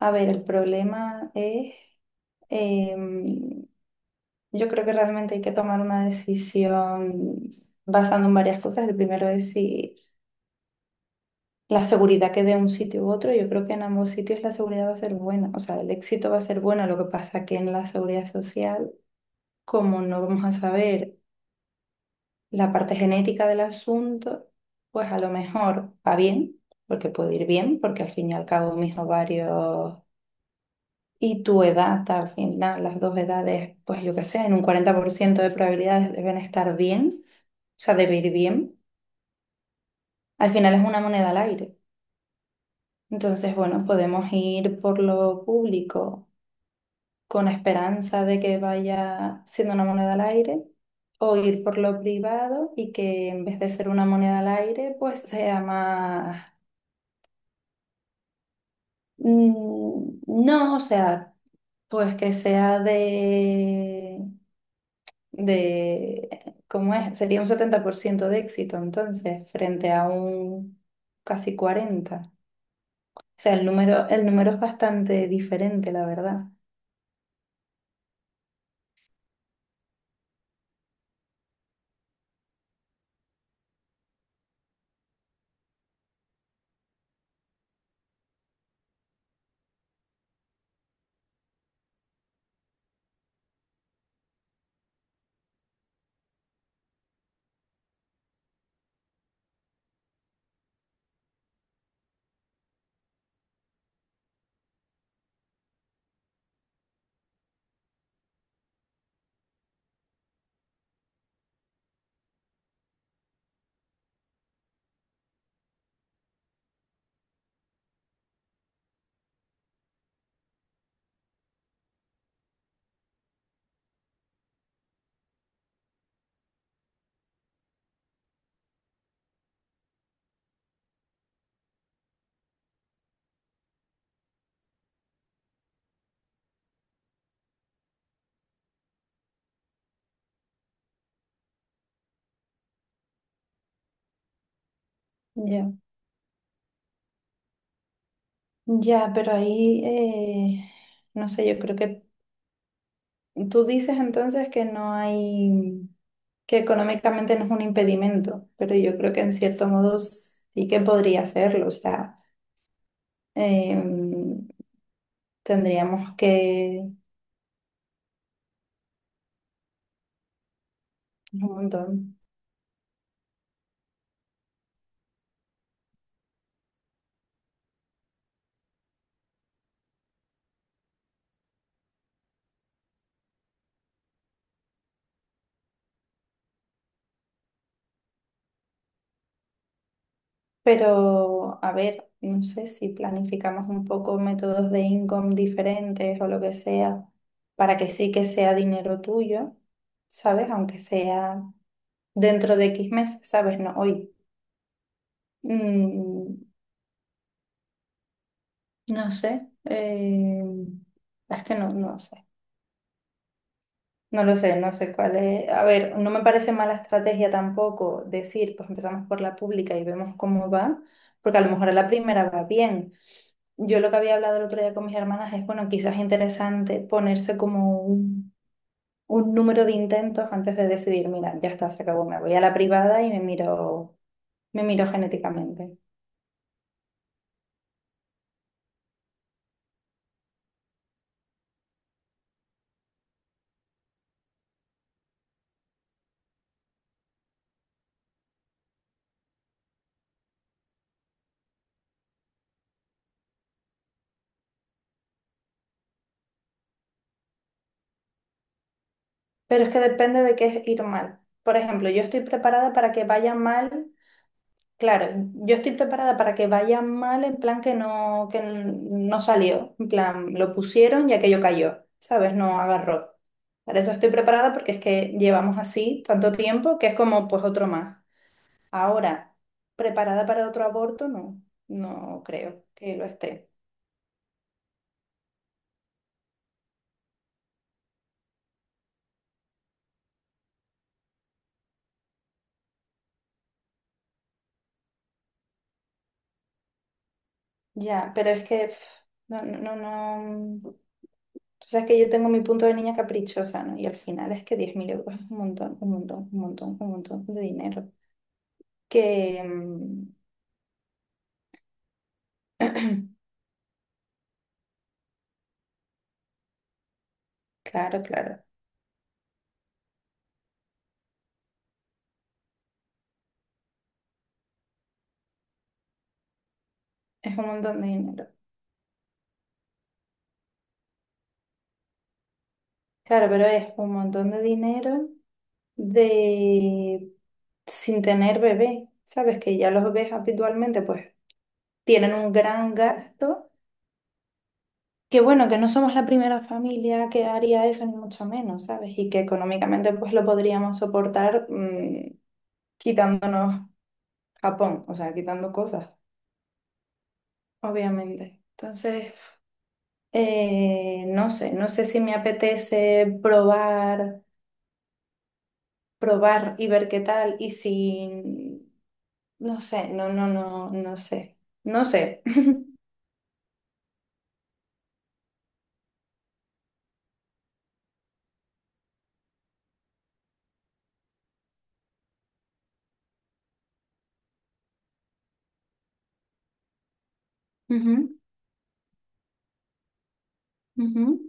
A ver, el problema es, em, yo creo que realmente hay que tomar una decisión basando en varias cosas. El primero es si la seguridad que dé un sitio u otro, yo creo que en ambos sitios la seguridad va a ser buena, o sea, el éxito va a ser bueno. Lo que pasa que en la seguridad social, como no vamos a saber la parte genética del asunto, pues a lo mejor va bien, porque puede ir bien, porque al fin y al cabo mis ovarios Y tu edad, al final, las dos edades, pues yo qué sé, en un 40% de probabilidades deben estar bien, o sea, de ir bien. Al final es una moneda al aire. Entonces, bueno, podemos ir por lo público con esperanza de que vaya siendo una moneda al aire, o ir por lo privado y que en vez de ser una moneda al aire, pues sea más, No, o sea, pues que sea de de, ¿cómo es? Sería un 70% de éxito entonces, frente a un casi 40. O sea, el número es bastante diferente, la verdad. Ya, ya, pero ahí, eh, no sé, yo creo que tú dices entonces que no hay, que económicamente no es un impedimento, pero yo creo que en cierto modo sí que podría serlo, o sea, em, tendríamos que, un montón. Pero, a ver, no sé si planificamos un poco métodos de income diferentes o lo que sea, para que sí que sea dinero tuyo, ¿sabes? Aunque sea dentro de X meses, ¿sabes? No hoy. Mm, no sé. Es que no, no sé. No lo sé, no sé cuál es. A ver, no me parece mala estrategia tampoco decir, pues empezamos por la pública y vemos cómo va, porque a lo mejor a la primera va bien. Yo lo que había hablado el otro día con mis hermanas es, bueno, quizás es interesante ponerse como un número de intentos antes de decidir, mira, ya está, se acabó, me voy a la privada y me miro genéticamente. Pero es que depende de qué es ir mal. Por ejemplo, yo estoy preparada para que vaya mal. Claro, yo estoy preparada para que vaya mal en plan que no salió, en plan lo pusieron y aquello cayó, ¿sabes? No agarró. Para eso estoy preparada porque es que llevamos así tanto tiempo que es como pues otro más. Ahora, preparada para otro aborto, no, no creo que lo esté. Ya, pero es que pf, no, no, no, no. Tú sabes que yo tengo mi punto de niña caprichosa, ¿no? Y al final es que 10.000 euros es un montón, un montón, un montón, un montón de dinero que, mm, Claro, claro. Es un montón de dinero. Claro, pero es un montón de dinero de sin tener bebé. Sabes que ya los bebés habitualmente pues tienen un gran gasto. Que bueno, que no somos la primera familia que haría eso, ni mucho menos, ¿sabes? Y que económicamente pues lo podríamos soportar quitándonos Japón, o sea, quitando cosas, obviamente. Entonces, no sé, no sé si me apetece probar. Probar y ver qué tal. Y si, no sé, no, no, no, no sé. No sé. Ujú, ujú.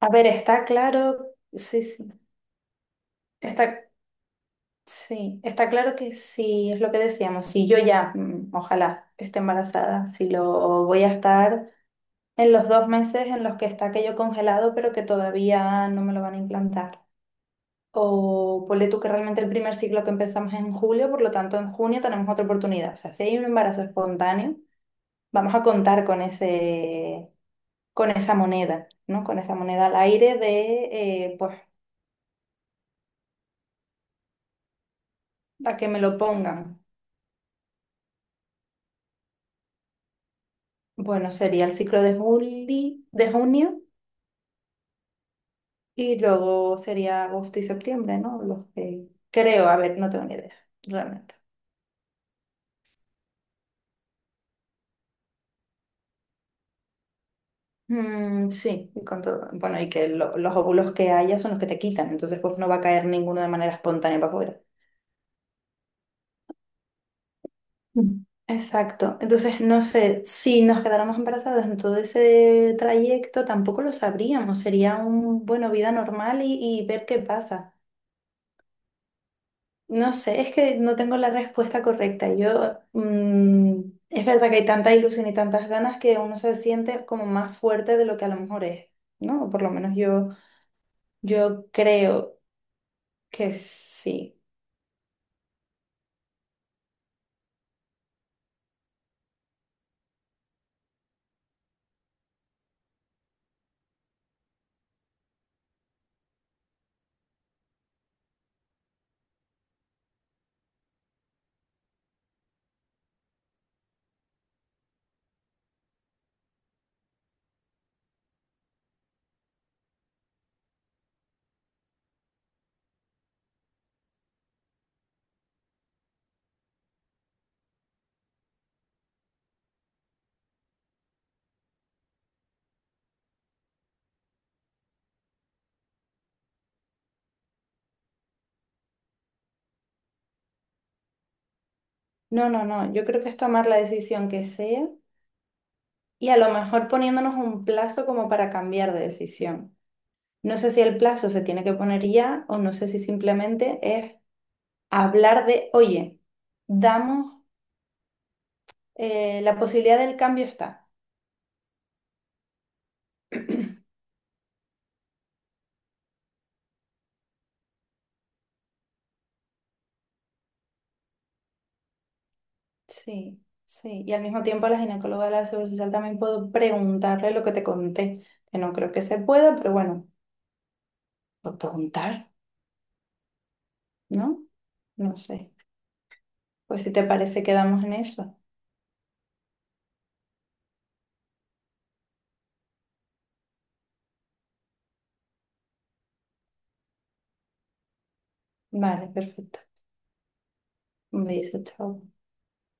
A ver, está claro, sí, está, sí, está claro que sí, es lo que decíamos, si yo ya, ojalá, esté embarazada, si lo voy a estar en los dos meses en los que está aquello congelado, pero que todavía no me lo van a implantar. O ponle tú que realmente el primer ciclo que empezamos es en julio, por lo tanto en junio tenemos otra oportunidad. O sea, si hay un embarazo espontáneo, vamos a contar con ese, con esa moneda, ¿no? Con esa moneda al aire de, pues, a que me lo pongan. Bueno, sería el ciclo de juli, de junio y luego sería agosto y septiembre, ¿no? Los que creo, a ver, no tengo ni idea, realmente. Mm, sí, y con todo- Bueno, y que lo- los óvulos que haya son los que te quitan, entonces pues no va a caer ninguno de manera espontánea para afuera. Ujú. Exacto. Entonces, no sé, si nos quedáramos embarazadas en todo ese trayecto, tampoco lo sabríamos. Sería un, bueno, vida normal y ver qué pasa. No sé, es que no tengo la respuesta correcta. Yo, es verdad que hay tanta ilusión y tantas ganas que uno se siente como más fuerte de lo que a lo mejor es, ¿no? O por lo menos yo, yo creo que sí. No, no, no. Yo creo que es tomar la decisión que sea y a lo mejor poniéndonos un plazo como para cambiar de decisión. No sé si el plazo se tiene que poner ya o no sé si simplemente es hablar de, oye, damos, la posibilidad del cambio está. Sí, sí. Y al mismo tiempo a la ginecóloga de la Seguridad Social también puedo preguntarle lo que te conté, que no creo que se pueda, pero bueno, por preguntar, ¿no? No sé. Pues si te parece, quedamos en eso. Vale, perfecto. Un beso, chao.